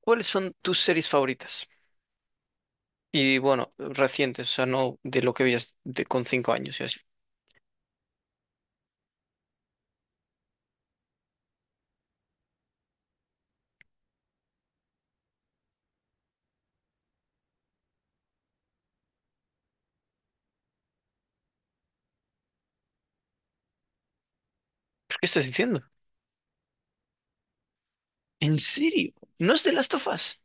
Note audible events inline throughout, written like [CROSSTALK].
¿Cuáles son tus series favoritas? Y bueno, recientes, o sea, no de lo que veías de, con 5 años y así. ¿Pero qué estás diciendo? ¿En serio? ¿No es de Last of Us?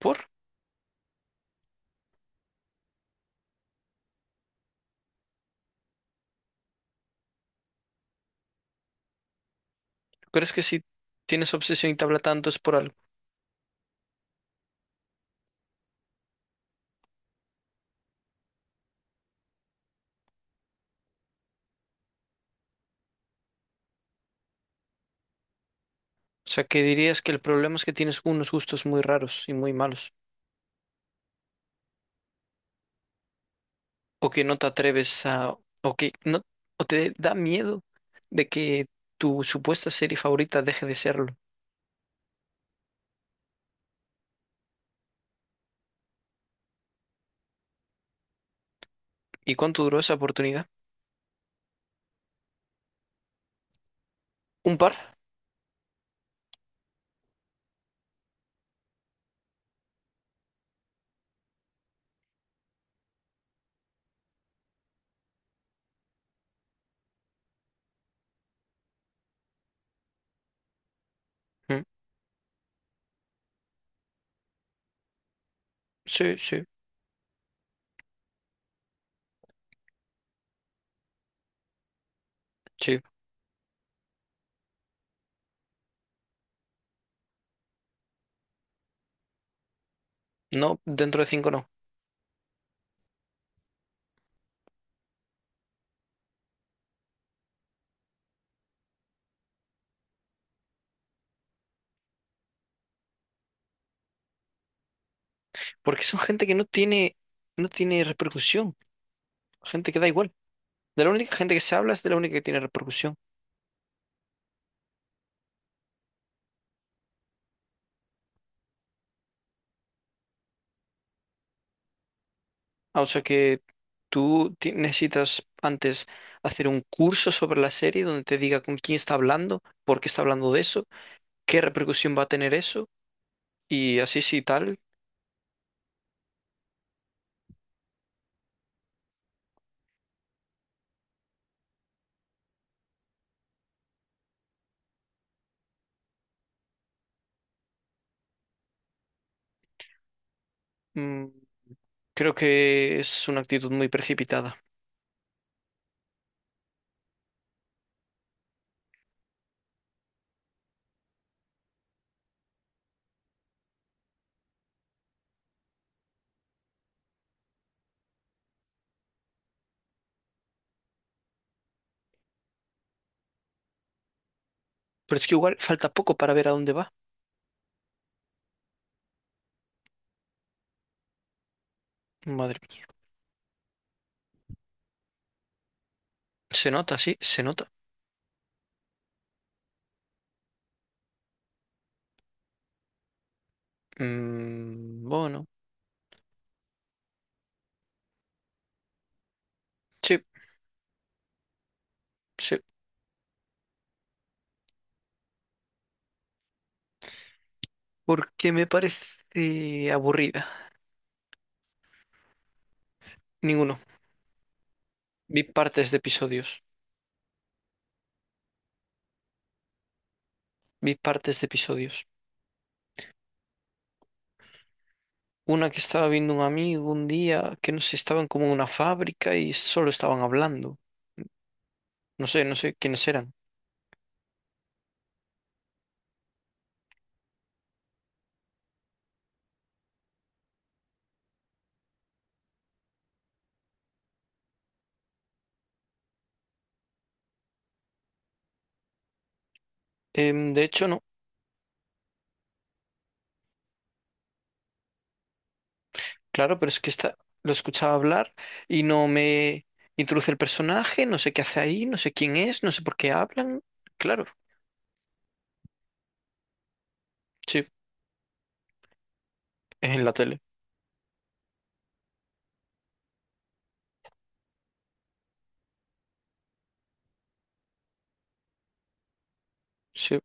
¿Por? Pero es que si tienes obsesión y te habla tanto es por algo. O sea, que dirías que el problema es que tienes unos gustos muy raros y muy malos. O que no te atreves a... O que no... O te da miedo de que tu supuesta serie favorita deje de serlo. ¿Y cuánto duró esa oportunidad? ¿Un par? Mm, Sí, sí, sí. No, dentro de cinco no. Porque son gente que no tiene, no tiene repercusión, gente que da igual. De la única gente que se habla es de la única que tiene repercusión. Ah, o sea que tú ti- necesitas antes hacer un curso sobre la serie donde te diga con quién está hablando, por qué está hablando de eso, qué repercusión va a tener eso, y así sí tal. Mm, creo que es una actitud muy precipitada. Pero es que igual falta poco para ver a dónde va. Madre mía. Se nota, sí, se nota. Mm, bueno, sí. Sí. Porque me parece aburrida. Ninguno. Vi partes de episodios. Vi partes de episodios. Una que estaba viendo un amigo un día, que no sé, estaban como en una fábrica y solo estaban hablando. No sé, no sé quiénes eran. De hecho, no, claro, pero es que esta, lo escuchaba hablar y no me introduce el personaje, no sé qué hace ahí, no sé quién es, no sé por qué hablan. Claro, sí, es en la tele. Sí,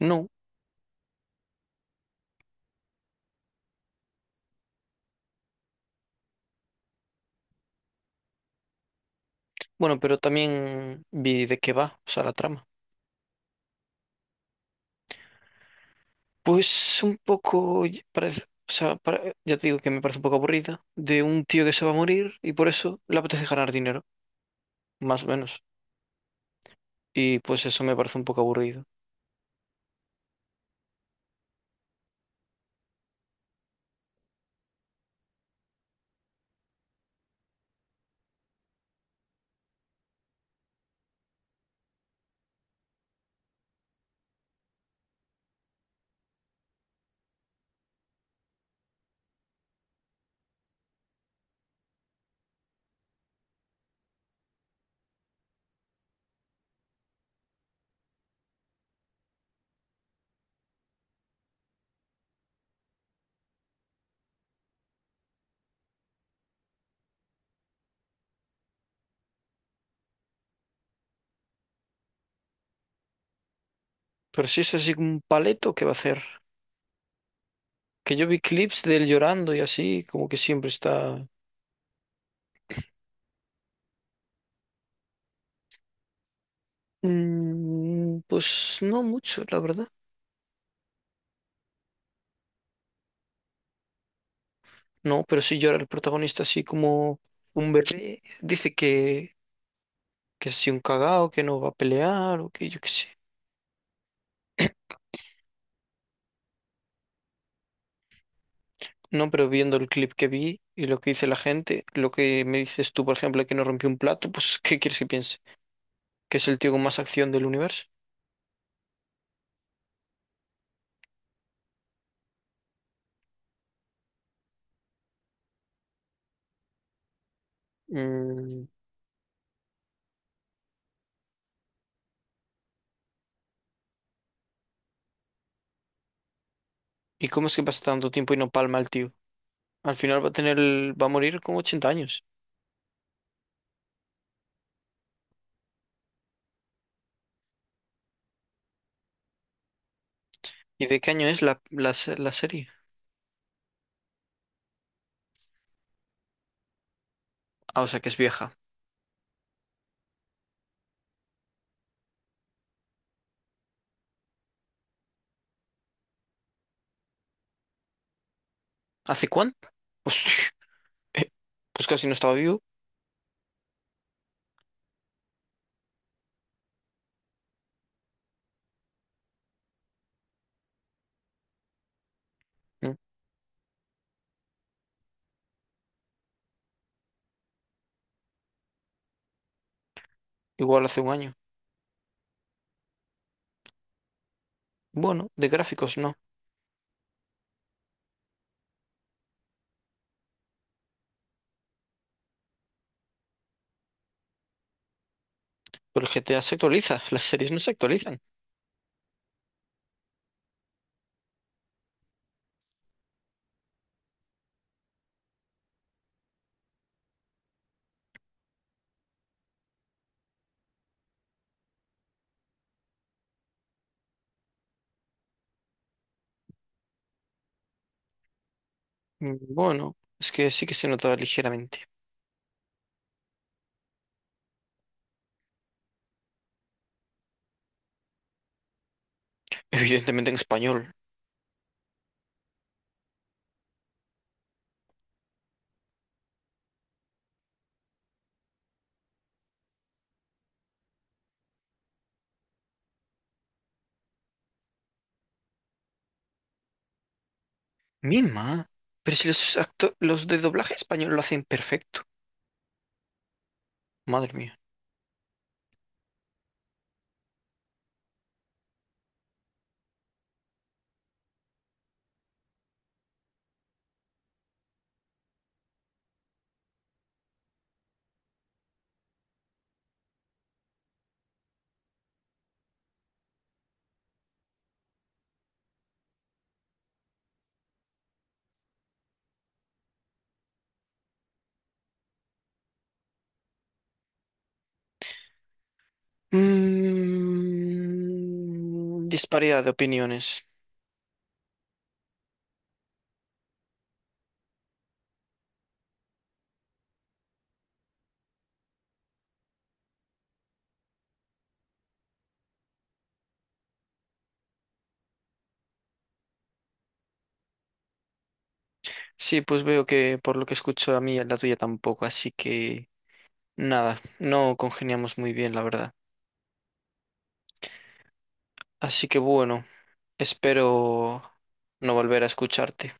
no. Bueno, pero también vi de qué va, o sea, la trama. Pues un poco, y- parece, o sea, para- ya te digo que me parece un poco aburrida, de un tío que se va a morir y por eso le apetece ganar dinero, más o menos. Y pues eso me parece un poco aburrido. Pero si es así como un paleto, ¿qué va a hacer? Que yo vi clips de él llorando y así, como que siempre está... Mm, pues no mucho, la verdad. No, pero sí llora el protagonista así como un bebé. Dice que es así un cagao, que no va a pelear o que yo qué sé. No, pero viendo el clip que vi y lo que dice la gente, lo que me dices tú, por ejemplo, que no rompió un plato, pues ¿qué quieres que piense? ¿Que es el tío con más acción del universo? Mm, ¿y cómo es que pasa tanto tiempo y no palma el tío? Al final va a tener, el- va a morir con 80 años. ¿Y de qué año es la, la, se- la serie? Ah, o sea que es vieja. ¿Hace cuánto? Pues, [LAUGHS] eh, pues casi no estaba vivo. Mm, igual hace un año. Bueno, de gráficos no. Pero el GTA se actualiza, las series no se actualizan. Mm, bueno, es que sí que se nota ligeramente. Evidentemente en español. Misma. Pero si los acto- los de doblaje español lo hacen perfecto. Madre mía. Mm, disparidad de opiniones. Sí, pues veo que por lo que escucho a mí, la tuya tampoco. Así que nada, no congeniamos muy bien, la verdad. Así que bueno, espero no volver a escucharte.